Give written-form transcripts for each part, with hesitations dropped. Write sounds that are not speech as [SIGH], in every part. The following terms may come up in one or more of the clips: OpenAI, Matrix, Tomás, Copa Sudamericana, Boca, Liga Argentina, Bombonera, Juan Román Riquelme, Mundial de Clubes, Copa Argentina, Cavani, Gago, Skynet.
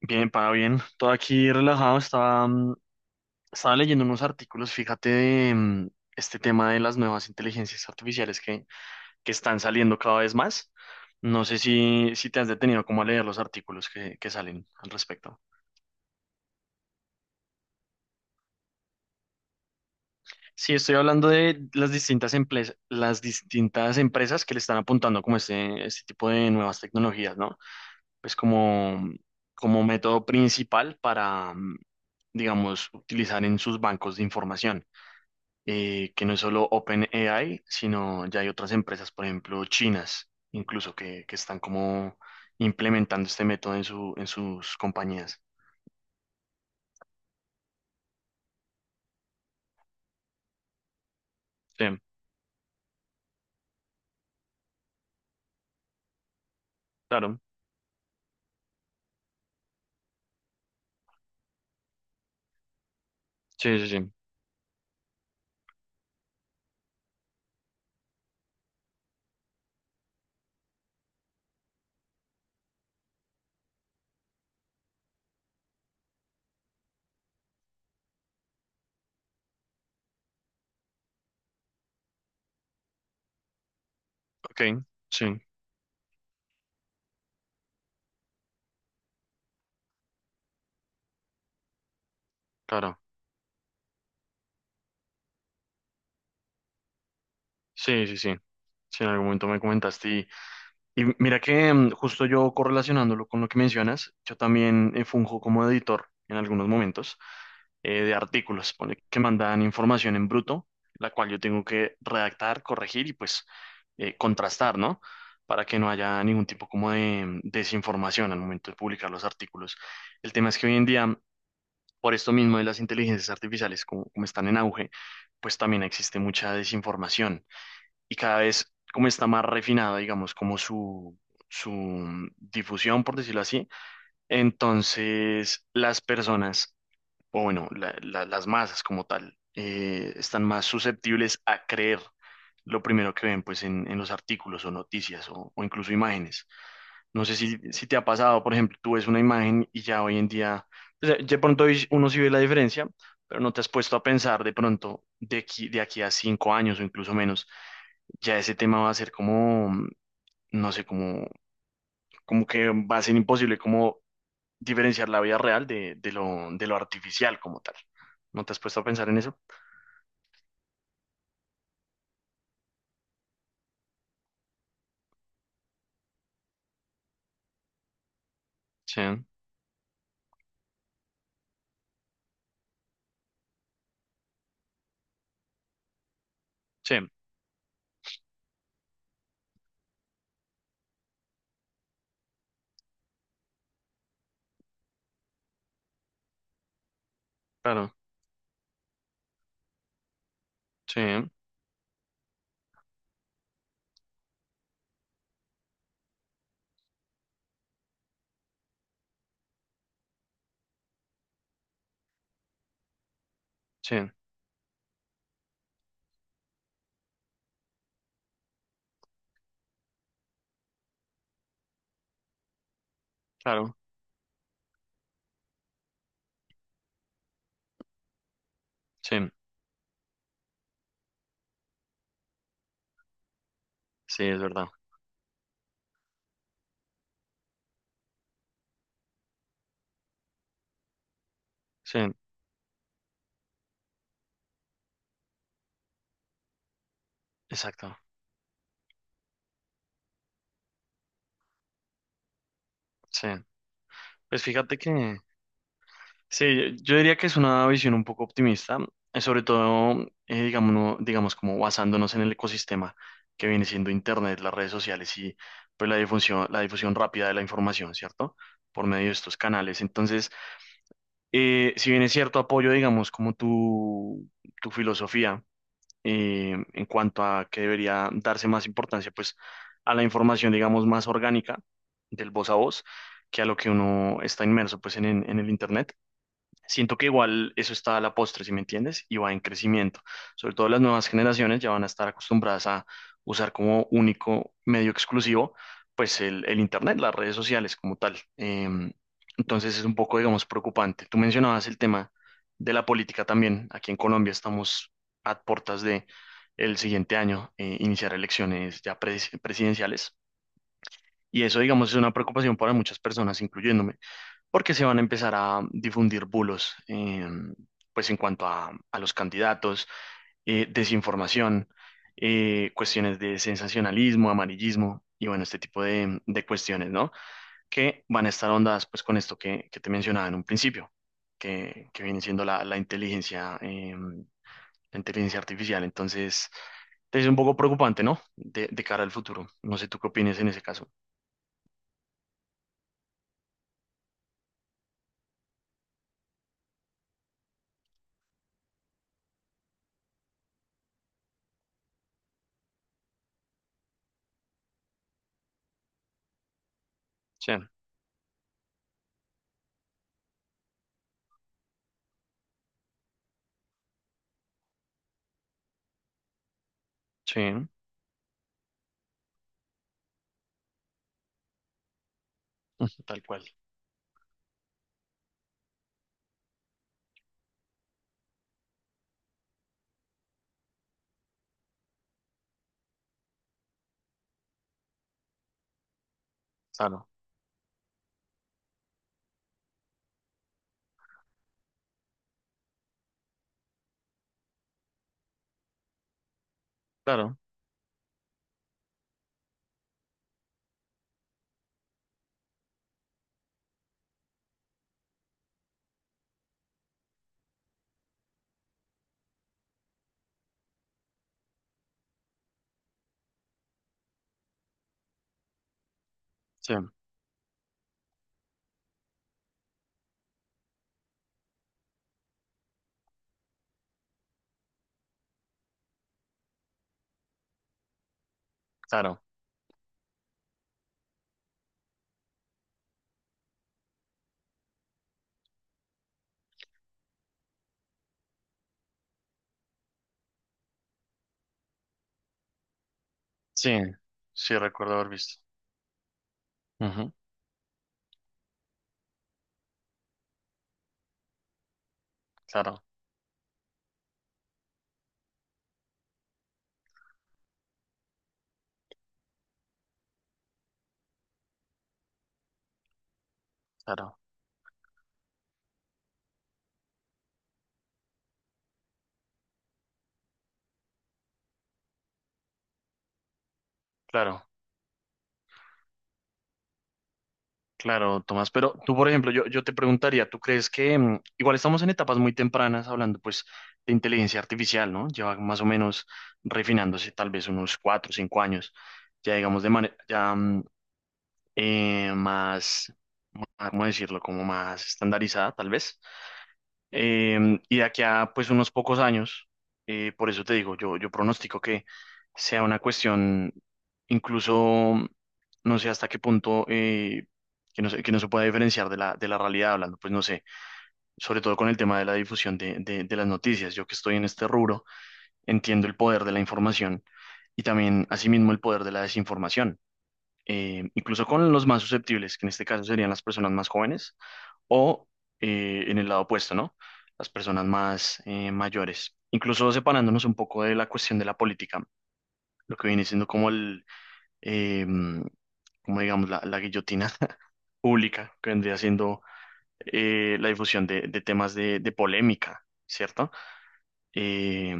Bien, para bien. Todo aquí relajado. Estaba leyendo unos artículos, fíjate, de este tema de las nuevas inteligencias artificiales que están saliendo cada vez más. No sé si te has detenido como a leer los artículos que salen al respecto. Sí, estoy hablando de las distintas empresas, que le están apuntando como este tipo de nuevas tecnologías, ¿no? Pues como método principal para, digamos, utilizar en sus bancos de información. Que no es solo OpenAI, sino ya hay otras empresas, por ejemplo, chinas, incluso que están como implementando este método en sus compañías. Sí, claro. Sí, sí, sí. Ok, sí, claro. Sí, sí, sí. Sí, en algún momento me comentaste. Y mira que justo yo correlacionándolo con lo que mencionas, yo también funjo como editor en algunos momentos de artículos, pone que mandan información en bruto, la cual yo tengo que redactar, corregir y pues contrastar, ¿no? Para que no haya ningún tipo como de desinformación al momento de publicar los artículos. El tema es que hoy en día, por esto mismo de las inteligencias artificiales, como están en auge, pues también existe mucha desinformación y cada vez como está más refinado, digamos, como su difusión, por decirlo así, entonces las personas, o bueno, las masas como tal, están más susceptibles a creer lo primero que ven, pues, en los artículos o noticias o incluso imágenes. No sé si te ha pasado, por ejemplo, tú ves una imagen y ya hoy en día, pues, de pronto hoy uno sí ve la diferencia, pero no te has puesto a pensar de pronto de aquí a 5 años o incluso menos ya ese tema va a ser como, no sé, como, como que va a ser imposible como diferenciar la vida real de lo artificial como tal. ¿No te has puesto a pensar en eso? Sí, sí, claro, sí, sí, claro, sí, sí, es verdad, sí, exacto, sí. Pues fíjate que, sí, yo diría que es una visión un poco optimista, sobre todo, digamos, digamos, como basándonos en el ecosistema que viene siendo Internet, las redes sociales y pues la difusión rápida de la información, ¿cierto? Por medio de estos canales. Entonces, si bien es cierto, apoyo, digamos, como tu filosofía en cuanto a que debería darse más importancia, pues, a la información, digamos, más orgánica del voz a voz, que a lo que uno está inmerso, pues, en el Internet. Siento que igual eso está a la postre, si me entiendes, y va en crecimiento. Sobre todo las nuevas generaciones ya van a estar acostumbradas a usar como único medio exclusivo, pues el Internet, las redes sociales como tal. Entonces es un poco, digamos, preocupante. Tú mencionabas el tema de la política también. Aquí en Colombia estamos a puertas de el siguiente año, iniciar elecciones ya presidenciales. Y eso, digamos, es una preocupación para muchas personas, incluyéndome porque se van a empezar a difundir bulos, pues en cuanto a los candidatos, desinformación, cuestiones de sensacionalismo, amarillismo y bueno, este tipo de cuestiones, ¿no? Que van a estar ondas pues con esto que te mencionaba en un principio, que viene siendo la inteligencia artificial. Entonces, es un poco preocupante, ¿no? De cara al futuro. No sé tú qué opinas en ese caso. Sí, sí, tal cual. Claro, claro, sí, claro. Sí, sí recuerdo haber visto. Ujú. Claro, claro, claro, claro, Tomás. Pero tú, por ejemplo, yo te preguntaría, ¿tú crees que igual estamos en etapas muy tempranas hablando pues de inteligencia artificial, ¿no? Lleva más o menos refinándose tal vez unos 4 o 5 años, ya digamos de manera ya eh, más, más, ¿cómo decirlo? Como más estandarizada, tal vez. Y de aquí a pues unos pocos años, por eso te digo, yo pronostico que sea una cuestión incluso, no sé hasta qué punto, que no se pueda diferenciar de la realidad hablando, pues no sé, sobre todo con el tema de la difusión de las noticias. Yo que estoy en este rubro, entiendo el poder de la información y también asimismo el poder de la desinformación. Incluso con los más susceptibles, que en este caso serían las personas más jóvenes o en el lado opuesto, ¿no? Las personas más mayores. Incluso separándonos un poco de la cuestión de la política, lo que viene siendo como eh, mm, como digamos, la guillotina [LAUGHS] pública, que vendría siendo la difusión de temas de polémica, ¿cierto? Eh,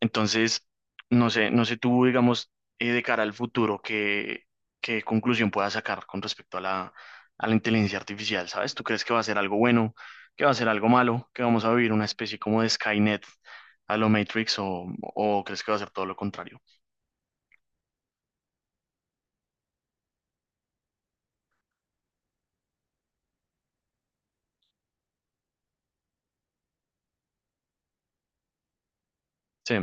entonces, no sé tú, digamos, de cara al futuro, qué conclusión puedas sacar con respecto a la inteligencia artificial, ¿sabes? ¿Tú crees que va a ser algo bueno, que va a ser algo malo, que vamos a vivir una especie como de Skynet a lo Matrix o crees que va a ser todo lo contrario? Sí,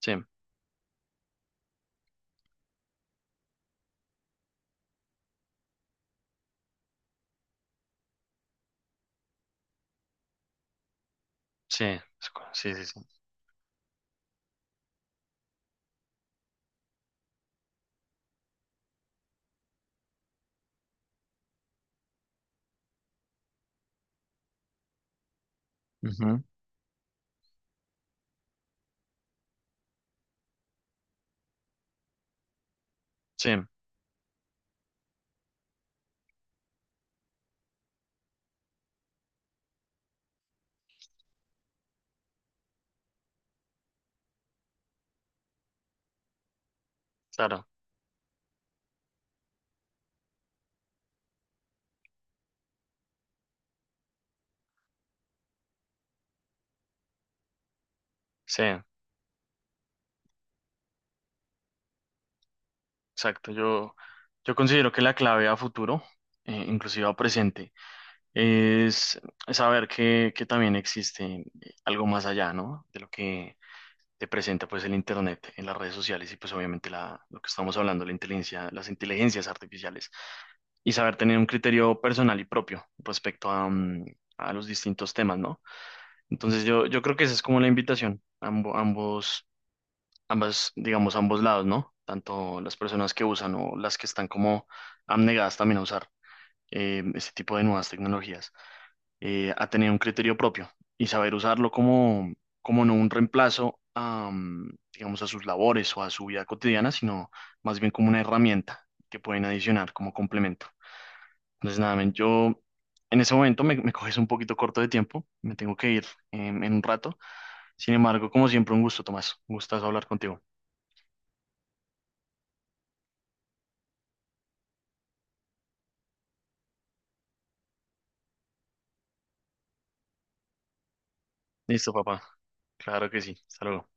sí, sí, sí, sí, sí. Ujú. Sí, claro, sí, exacto. Yo considero que la clave a futuro, inclusive a presente, es saber que también existe algo más allá, ¿no? De lo que te presenta pues el internet en las redes sociales y pues obviamente la, lo que estamos hablando, la inteligencia, las inteligencias artificiales y saber tener un criterio personal y propio respecto a, a los distintos temas, ¿no? Entonces yo creo que esa es como la invitación, ambos, ambas, digamos, ambos lados, ¿no? Tanto las personas que usan o las que están como abnegadas también a usar este tipo de nuevas tecnologías, a tener un criterio propio y saber usarlo como no un reemplazo a, digamos, a sus labores o a su vida cotidiana, sino más bien como una herramienta que pueden adicionar como complemento. Entonces, nada, men, yo en ese momento me coges un poquito corto de tiempo, me tengo que ir en un rato. Sin embargo, como siempre, un gusto, Tomás. Un gustazo hablar contigo. Listo, papá. Claro que sí. Hasta luego.